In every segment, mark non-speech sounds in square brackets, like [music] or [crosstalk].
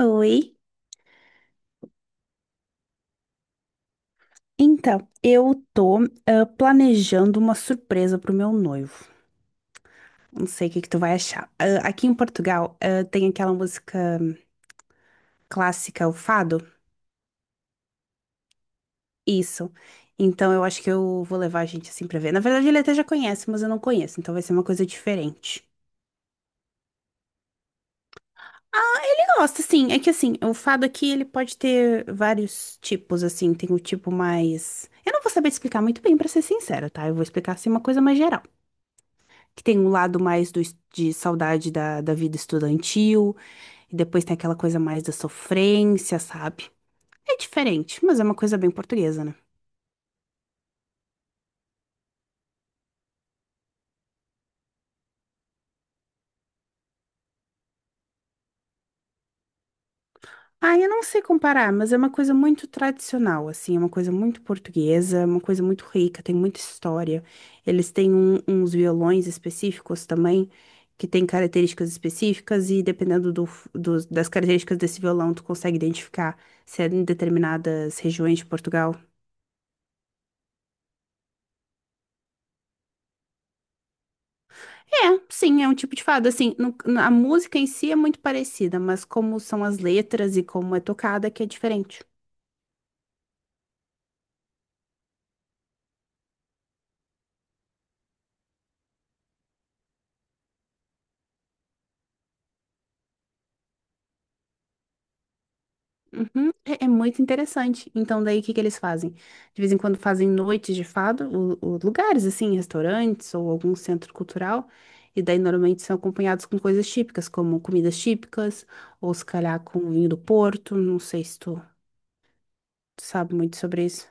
Oi. Então, eu tô planejando uma surpresa pro meu noivo. Não sei o que que tu vai achar. Aqui em Portugal, tem aquela música clássica, o fado. Isso. Então, eu acho que eu vou levar a gente assim pra ver. Na verdade, ele até já conhece, mas eu não conheço, então vai ser uma coisa diferente. Ele gosta, sim. É que assim, o fado aqui, ele pode ter vários tipos, assim. Tem o tipo mais. Eu não vou saber te explicar muito bem, pra ser sincera, tá? Eu vou explicar assim uma coisa mais geral. Que tem um lado mais do, de saudade da, da vida estudantil, e depois tem aquela coisa mais da sofrência, sabe? É diferente, mas é uma coisa bem portuguesa, né? Ah, eu não sei comparar, mas é uma coisa muito tradicional, assim, é uma coisa muito portuguesa, é uma coisa muito rica, tem muita história. Eles têm uns violões específicos também, que têm características específicas, e dependendo do, das características desse violão, tu consegue identificar se é em determinadas regiões de Portugal. É, sim, é um tipo de fado. Assim, a música em si é muito parecida, mas como são as letras e como é tocada que é diferente. Uhum, é, é muito interessante. Então, daí o que que eles fazem? De vez em quando fazem noites de fado, lugares assim, restaurantes ou algum centro cultural. E daí normalmente são acompanhados com coisas típicas, como comidas típicas, ou se calhar com vinho do Porto. Não sei se tu sabe muito sobre isso.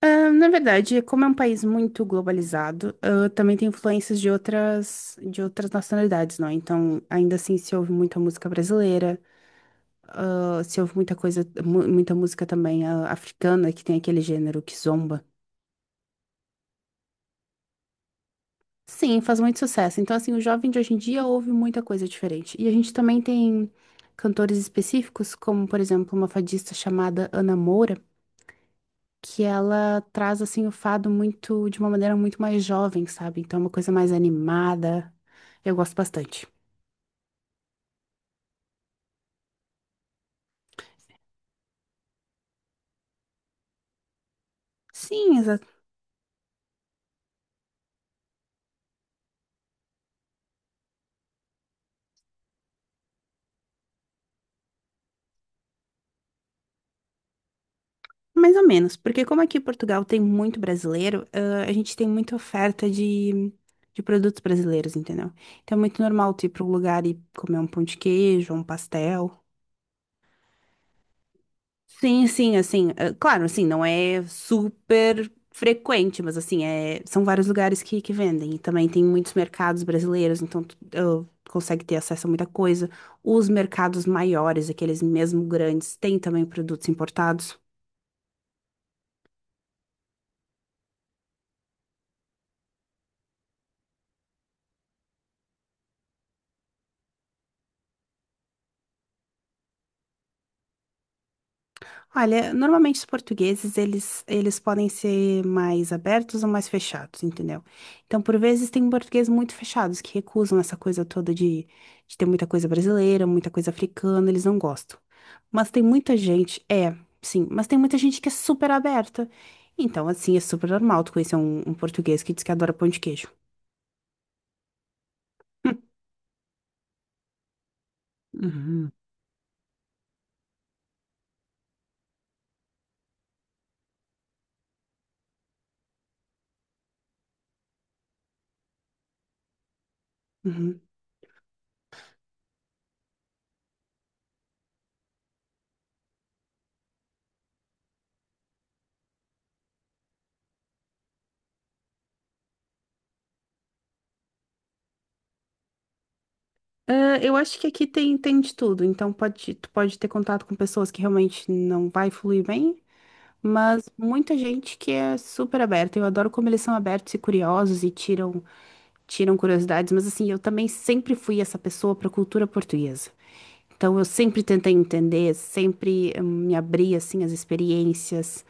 Ah, na verdade, como é um país muito globalizado, também tem influências de outras nacionalidades, não? É? Então, ainda assim, se ouve muita música brasileira, se ouve muita coisa, muita música também africana, que tem aquele gênero que zomba. Sim, faz muito sucesso. Então, assim, o jovem de hoje em dia ouve muita coisa diferente. E a gente também tem cantores específicos, como, por exemplo, uma fadista chamada Ana Moura, que ela traz assim o fado muito de uma maneira muito mais jovem, sabe? Então é uma coisa mais animada. Eu gosto bastante. Sim, exa- Mais ou menos, porque como aqui em Portugal tem muito brasileiro, a gente tem muita oferta de produtos brasileiros, entendeu? Então é muito normal tu ir para um lugar e comer um pão de queijo, um pastel. Sim, sim, assim, claro, assim, não é super frequente, mas assim, é, são vários lugares que vendem. E também tem muitos mercados brasileiros, então consegue ter acesso a muita coisa. Os mercados maiores, aqueles mesmo grandes, têm também produtos importados. Olha, normalmente os portugueses, eles podem ser mais abertos ou mais fechados, entendeu? Então, por vezes, tem portugueses muito fechados que recusam essa coisa toda de ter muita coisa brasileira, muita coisa africana, eles não gostam. Mas tem muita gente, é, sim, mas tem muita gente que é super aberta. Então, assim, é super normal tu conhecer um, um português que diz que adora pão de queijo. Uhum. [laughs] Uhum. Ah, eu acho que aqui tem, tem de tudo, então pode, tu pode ter contato com pessoas que realmente não vai fluir bem. Mas muita gente que é super aberta. Eu adoro como eles são abertos e curiosos e tiram, tiram curiosidades. Mas assim, eu também sempre fui essa pessoa para a cultura portuguesa. Então eu sempre tentei entender, sempre me abri assim às experiências.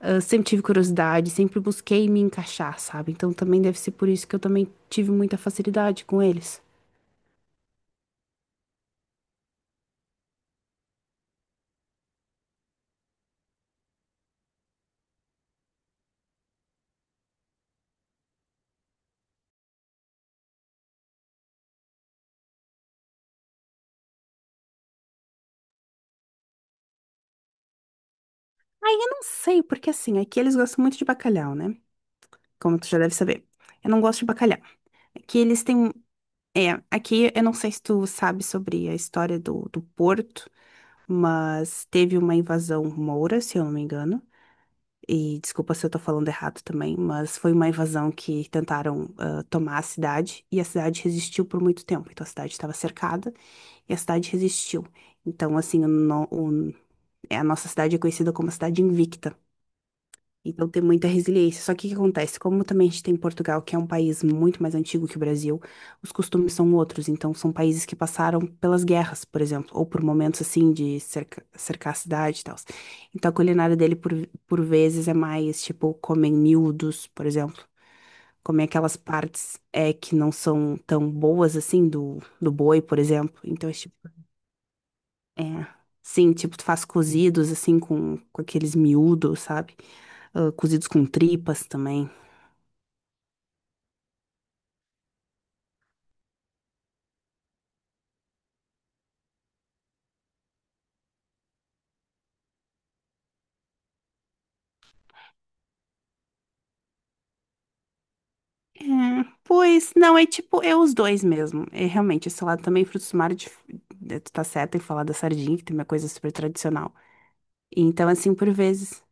Ah, sempre tive curiosidade, sempre busquei me encaixar, sabe? Então também deve ser por isso que eu também tive muita facilidade com eles. Não sei, porque assim, aqui eles gostam muito de bacalhau, né? Como tu já deve saber. Eu não gosto de bacalhau. Aqui eles têm. É, aqui eu não sei se tu sabe sobre a história do, do Porto, mas teve uma invasão moura, se eu não me engano. E desculpa se eu tô falando errado também, mas foi uma invasão que tentaram tomar a cidade e a cidade resistiu por muito tempo. Então a cidade estava cercada e a cidade resistiu. Então, assim, o no- o- é, a nossa cidade é conhecida como a cidade invicta. Então tem muita resiliência. Só que o que acontece? Como também a gente tem Portugal, que é um país muito mais antigo que o Brasil, os costumes são outros. Então são países que passaram pelas guerras, por exemplo, ou por momentos assim de cercar a cidade e tal. Então a culinária dele por vezes é mais tipo comem miúdos, por exemplo. Comem aquelas partes é, que não são tão boas assim do, do boi, por exemplo. Então, esse tipo é, sim, tipo, tu faz cozidos, assim, com aqueles miúdos, sabe? Ah, cozidos com tripas também. É, pois, não, é tipo, é os dois mesmo. É realmente, esse lado também, frutos do mar, de- tu tá certa em falar da sardinha, que tem uma coisa super tradicional. Então, assim, por vezes.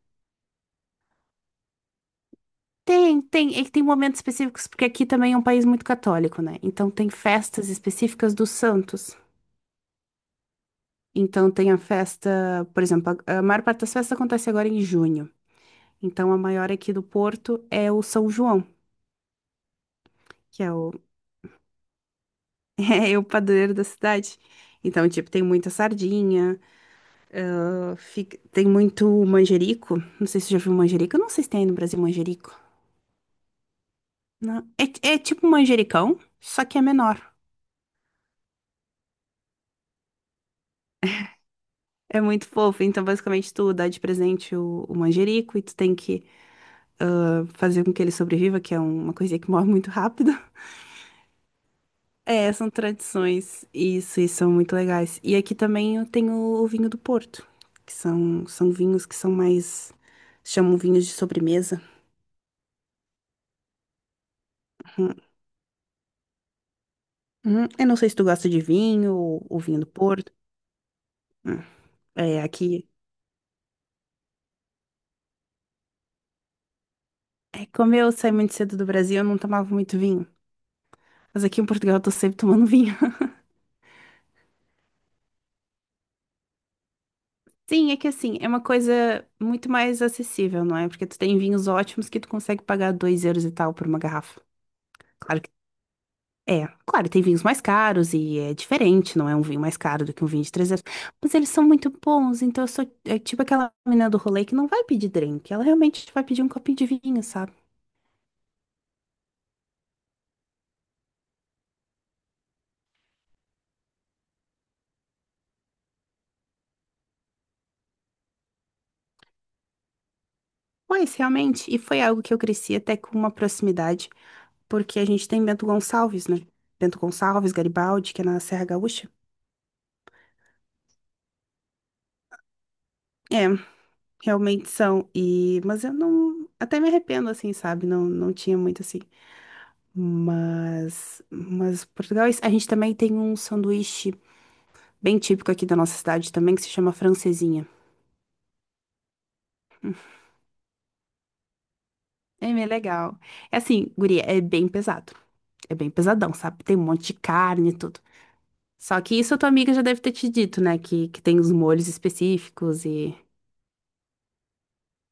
Tem, tem, é que tem momentos específicos, porque aqui também é um país muito católico, né? Então, tem festas específicas dos santos. Então, tem a festa, por exemplo, a maior parte das festas acontece agora em junho. Então, a maior aqui do Porto é o São João, que é o, [laughs] é o padroeiro da cidade. Então, tipo, tem muita sardinha, fica- tem muito manjerico. Não sei se você já viu manjerico. Eu não sei se tem aí no Brasil manjerico. Não. É, é tipo um manjericão, só que é menor. É muito fofo. Então, basicamente, tu dá de presente o manjerico e tu tem que fazer com que ele sobreviva, que é uma coisinha que morre muito rápido. É, são tradições. Isso, e são muito legais. E aqui também eu tenho o vinho do Porto, que são, são vinhos que são mais. Chamam vinhos de sobremesa. Hum, Eu não sei se tu gosta de vinho ou vinho do Porto. Hum. É, aqui. É, como eu saí muito cedo do Brasil, eu não tomava muito vinho. Mas aqui em Portugal eu tô sempre tomando vinho. [laughs] Sim, é que assim, é uma coisa muito mais acessível, não é? Porque tu tem vinhos ótimos que tu consegue pagar 2 euros e tal por uma garrafa. Claro que é, claro, tem vinhos mais caros e é diferente, não é um vinho mais caro do que um vinho de 300. Mas eles são muito bons, então eu sou é tipo aquela menina do rolê que não vai pedir drink, ela realmente vai pedir um copinho de vinho, sabe? Mas realmente, e foi algo que eu cresci até com uma proximidade, porque a gente tem Bento Gonçalves, né? Bento Gonçalves, Garibaldi, que é na Serra Gaúcha. É, realmente são, e mas eu não, até me arrependo assim, sabe? Não, não tinha muito assim. Mas Portugal, a gente também tem um sanduíche bem típico aqui da nossa cidade também, que se chama francesinha. É bem legal. É assim, guria, é bem pesado. É bem pesadão, sabe? Tem um monte de carne e tudo. Só que isso a tua amiga já deve ter te dito, né? Que tem os molhos específicos e...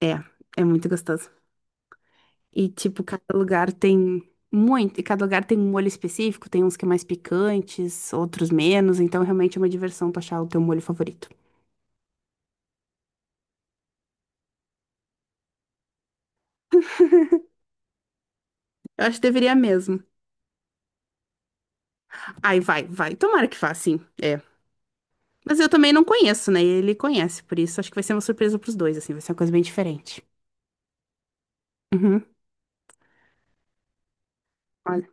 É, é muito gostoso. E, tipo, cada lugar tem muito... E cada lugar tem um molho específico. Tem uns que é mais picantes, outros menos. Então, realmente é uma diversão tu achar o teu molho favorito. Eu acho que deveria mesmo. Ai, vai, vai. Tomara que vá, sim. É, mas eu também não conheço, né? Ele conhece, por isso acho que vai ser uma surpresa pros dois, assim, vai ser uma coisa bem diferente. Uhum, olha.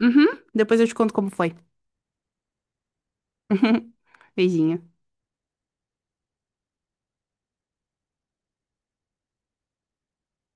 Uhum, depois eu te conto como foi. [laughs] Beijinho.